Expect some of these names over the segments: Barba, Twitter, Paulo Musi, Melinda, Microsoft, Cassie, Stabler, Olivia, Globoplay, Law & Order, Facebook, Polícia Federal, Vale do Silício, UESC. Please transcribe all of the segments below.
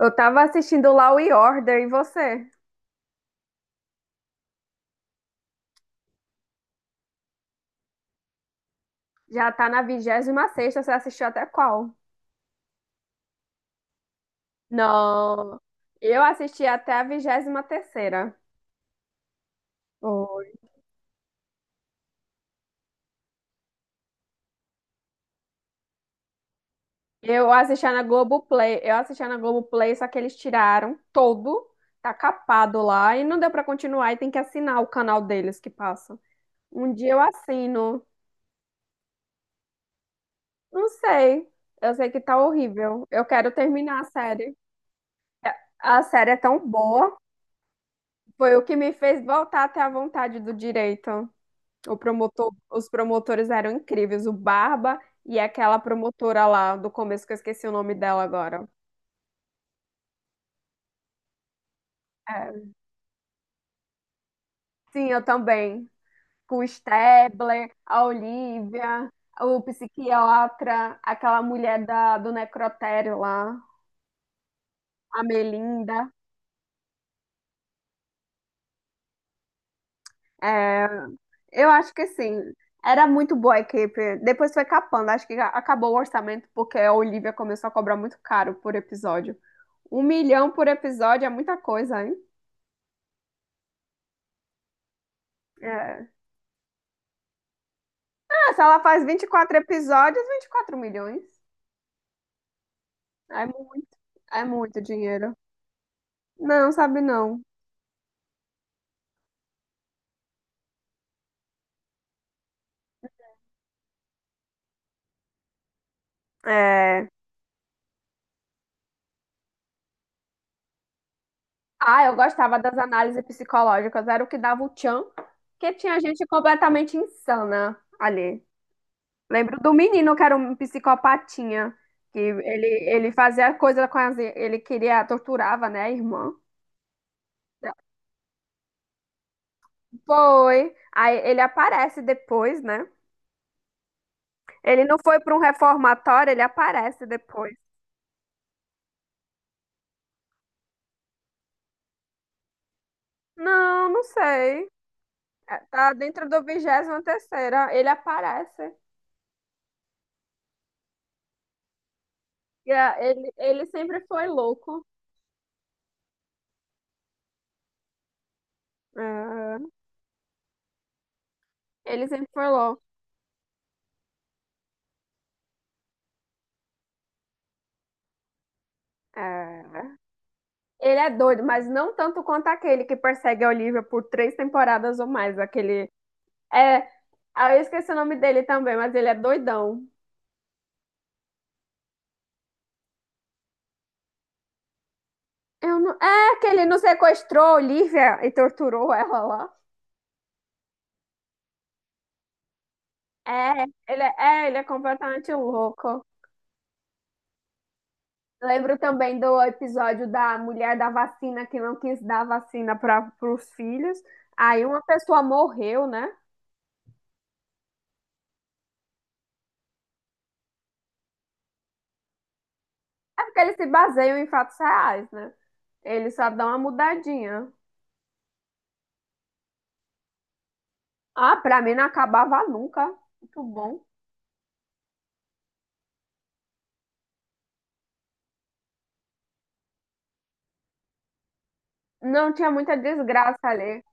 Eu tava assistindo Law e Order e você? Já tá na 26ª. Você assistiu até qual? Não, eu assisti até a 23ª. Foi. Eu assistia na Globoplay, só que eles tiraram todo, tá capado lá e não deu pra continuar e tem que assinar o canal deles que passa. Um dia eu assino, não sei, eu sei que tá horrível, eu quero terminar a série. A série é tão boa, foi o que me fez voltar até a vontade do direito. Os promotores eram incríveis, o Barba e aquela promotora lá do começo, que eu esqueci o nome dela agora. É, sim, eu também. Com o Stabler, a Olivia, o psiquiatra, aquela mulher do necrotério lá, a Melinda. É, eu acho que sim, era muito boa a equipe. Depois foi capando, acho que acabou o orçamento porque a Olivia começou a cobrar muito caro por episódio. 1 milhão por episódio é muita coisa, hein? É. Se ela faz 24 episódios, 24 milhões. É muito, é muito dinheiro. Não, sabe não. É... Ah, eu gostava das análises psicológicas, era o que dava o tchan, que tinha gente completamente insana ali. Lembro do menino que era um psicopatinha, que ele fazia coisa com as, ele queria, torturava, né, a irmã. Foi. Aí ele aparece depois, né? Ele não foi para um reformatório, ele aparece depois. Não, não sei. É. Tá dentro do 23ª. Ele aparece. E, ele sempre foi louco. É, ele sempre foi louco. É. Ele é doido, mas não tanto quanto aquele que persegue a Olivia por 3 temporadas ou mais. Aquele. É. Eu esqueci o nome dele também, mas ele é doidão. Eu não... É, que ele não sequestrou a Olivia e torturou ela lá. É, ele é completamente louco. Lembro também do episódio da mulher da vacina que não quis dar vacina para os filhos. Aí uma pessoa morreu, né? É porque eles se baseiam em fatos reais, né? Eles só dão uma mudadinha. Ah, pra mim não acabava nunca. Muito bom. Não tinha muita desgraça ali.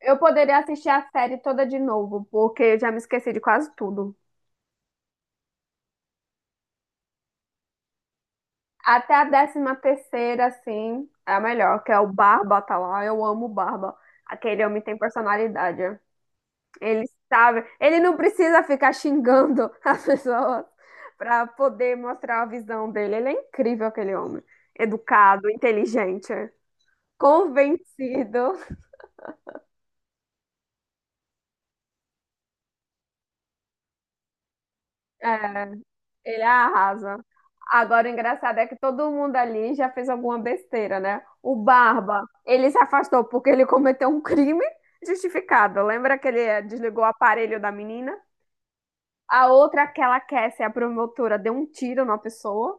Eu poderia assistir a série toda de novo, porque eu já me esqueci de quase tudo. Até a 13ª, assim, é a melhor, que é o Barba, tá lá. Eu amo o Barba. Aquele homem tem personalidade. Ele sabe, ele não precisa ficar xingando as pessoas para poder mostrar a visão dele. Ele é incrível, aquele homem. Educado, inteligente, convencido. É, ele arrasa. Agora, o engraçado é que todo mundo ali já fez alguma besteira, né? O Barba, ele se afastou porque ele cometeu um crime justificado. Lembra que ele desligou o aparelho da menina? A outra, aquela Cassie, a promotora, deu um tiro na pessoa.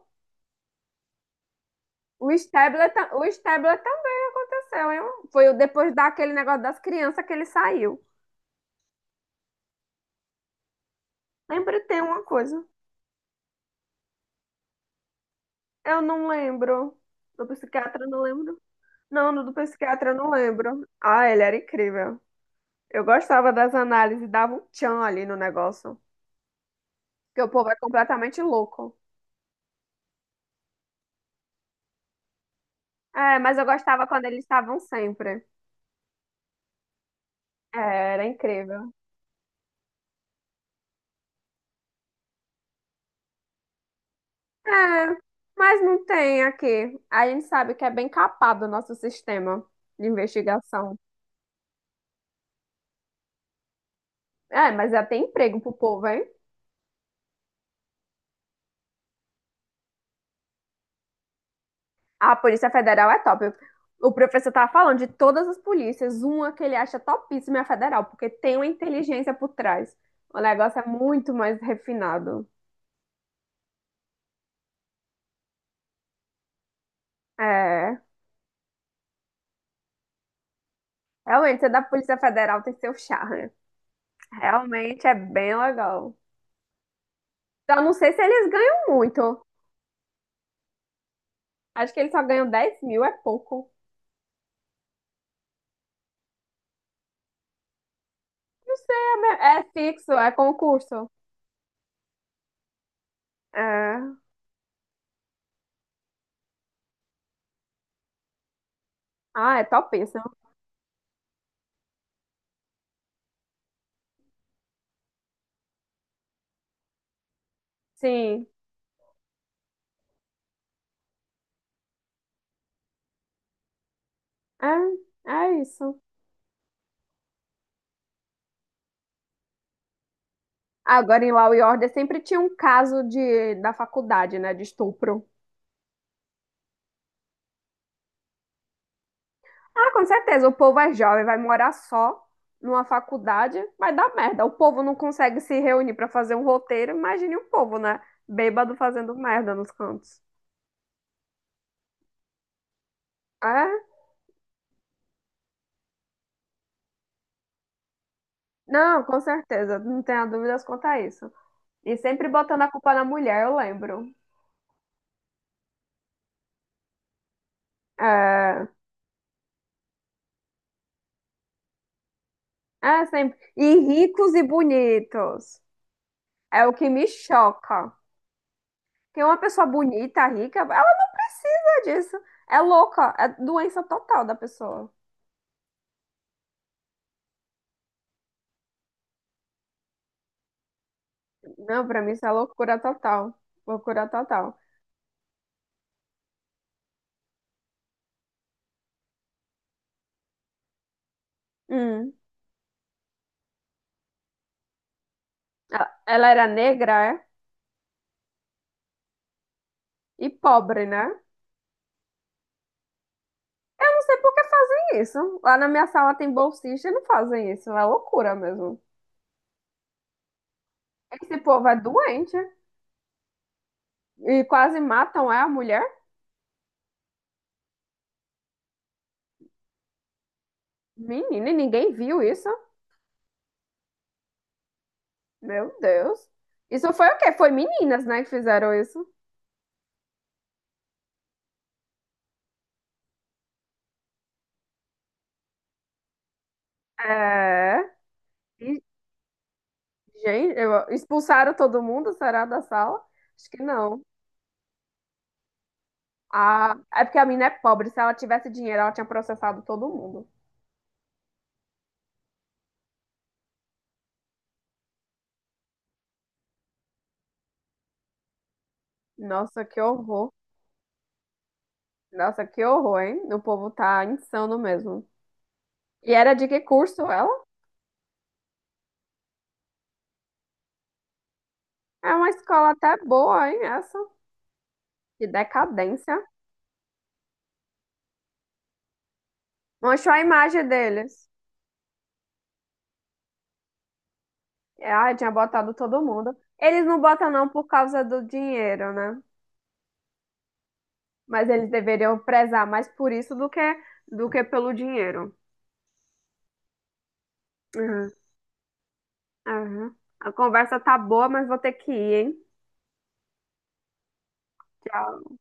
O Stabler também aconteceu, hein? Depois daquele negócio das crianças que ele saiu. Lembra, tem uma coisa. Eu não lembro. Do psiquiatra, eu não lembro. Não, do psiquiatra, eu não lembro. Ah, ele era incrível. Eu gostava das análises, dava um tchan ali no negócio. Porque o povo é completamente louco. É, mas eu gostava quando eles estavam sempre. É, era incrível. É, mas não tem aqui. A gente sabe que é bem capado o nosso sistema de investigação. É, mas já tem emprego pro povo, hein? Ah, a Polícia Federal é top. O professor tava falando de todas as polícias, uma que ele acha topíssima é a federal, porque tem uma inteligência por trás. O negócio é muito mais refinado. É, realmente, ser da Polícia Federal tem seu charme. Realmente é bem legal. Então, não sei se eles ganham muito. Acho que eles só ganham 10 mil, é pouco. Não sei, é fixo, é concurso. É. Ah, é topíssimo. Sim. É, é isso. Agora, em Law e Order, sempre tinha um caso da faculdade, né? De estupro. Ah, com certeza, o povo é jovem, vai morar só numa faculdade, vai dar merda. O povo não consegue se reunir pra fazer um roteiro. Imagine o povo, né? Bêbado fazendo merda nos cantos. É? Não, com certeza. Não tenha dúvidas quanto a isso. E sempre botando a culpa na mulher, eu lembro. É, é sempre. E ricos e bonitos. É o que me choca. Tem uma pessoa bonita, rica, ela não precisa disso. É louca, é doença total da pessoa. Não, pra mim isso é loucura total. Loucura total. Hum. Ela era negra, é? E pobre, né? Eu não sei por que fazem isso. Lá na minha sala tem bolsista e não fazem isso. É loucura mesmo. Esse povo é doente. E quase matam é, a mulher. Menina, e ninguém viu isso. Meu Deus. Isso foi o quê? Foi meninas, né, que fizeram isso. É. E, Gente, expulsaram todo mundo, será, da sala? Acho que não. Ah, é porque a mina é pobre. Se ela tivesse dinheiro, ela tinha processado todo mundo. Nossa, que horror. Nossa, que horror, hein? O povo tá insano mesmo. E era de que curso ela? É uma escola até boa, hein? Essa. Que decadência. Manchou a imagem deles. Ah, tinha botado todo mundo. Eles não botam não por causa do dinheiro, né? Mas eles deveriam prezar mais por isso do que, pelo dinheiro. Uhum. Aham. A conversa tá boa, mas vou ter que ir, hein? Tchau.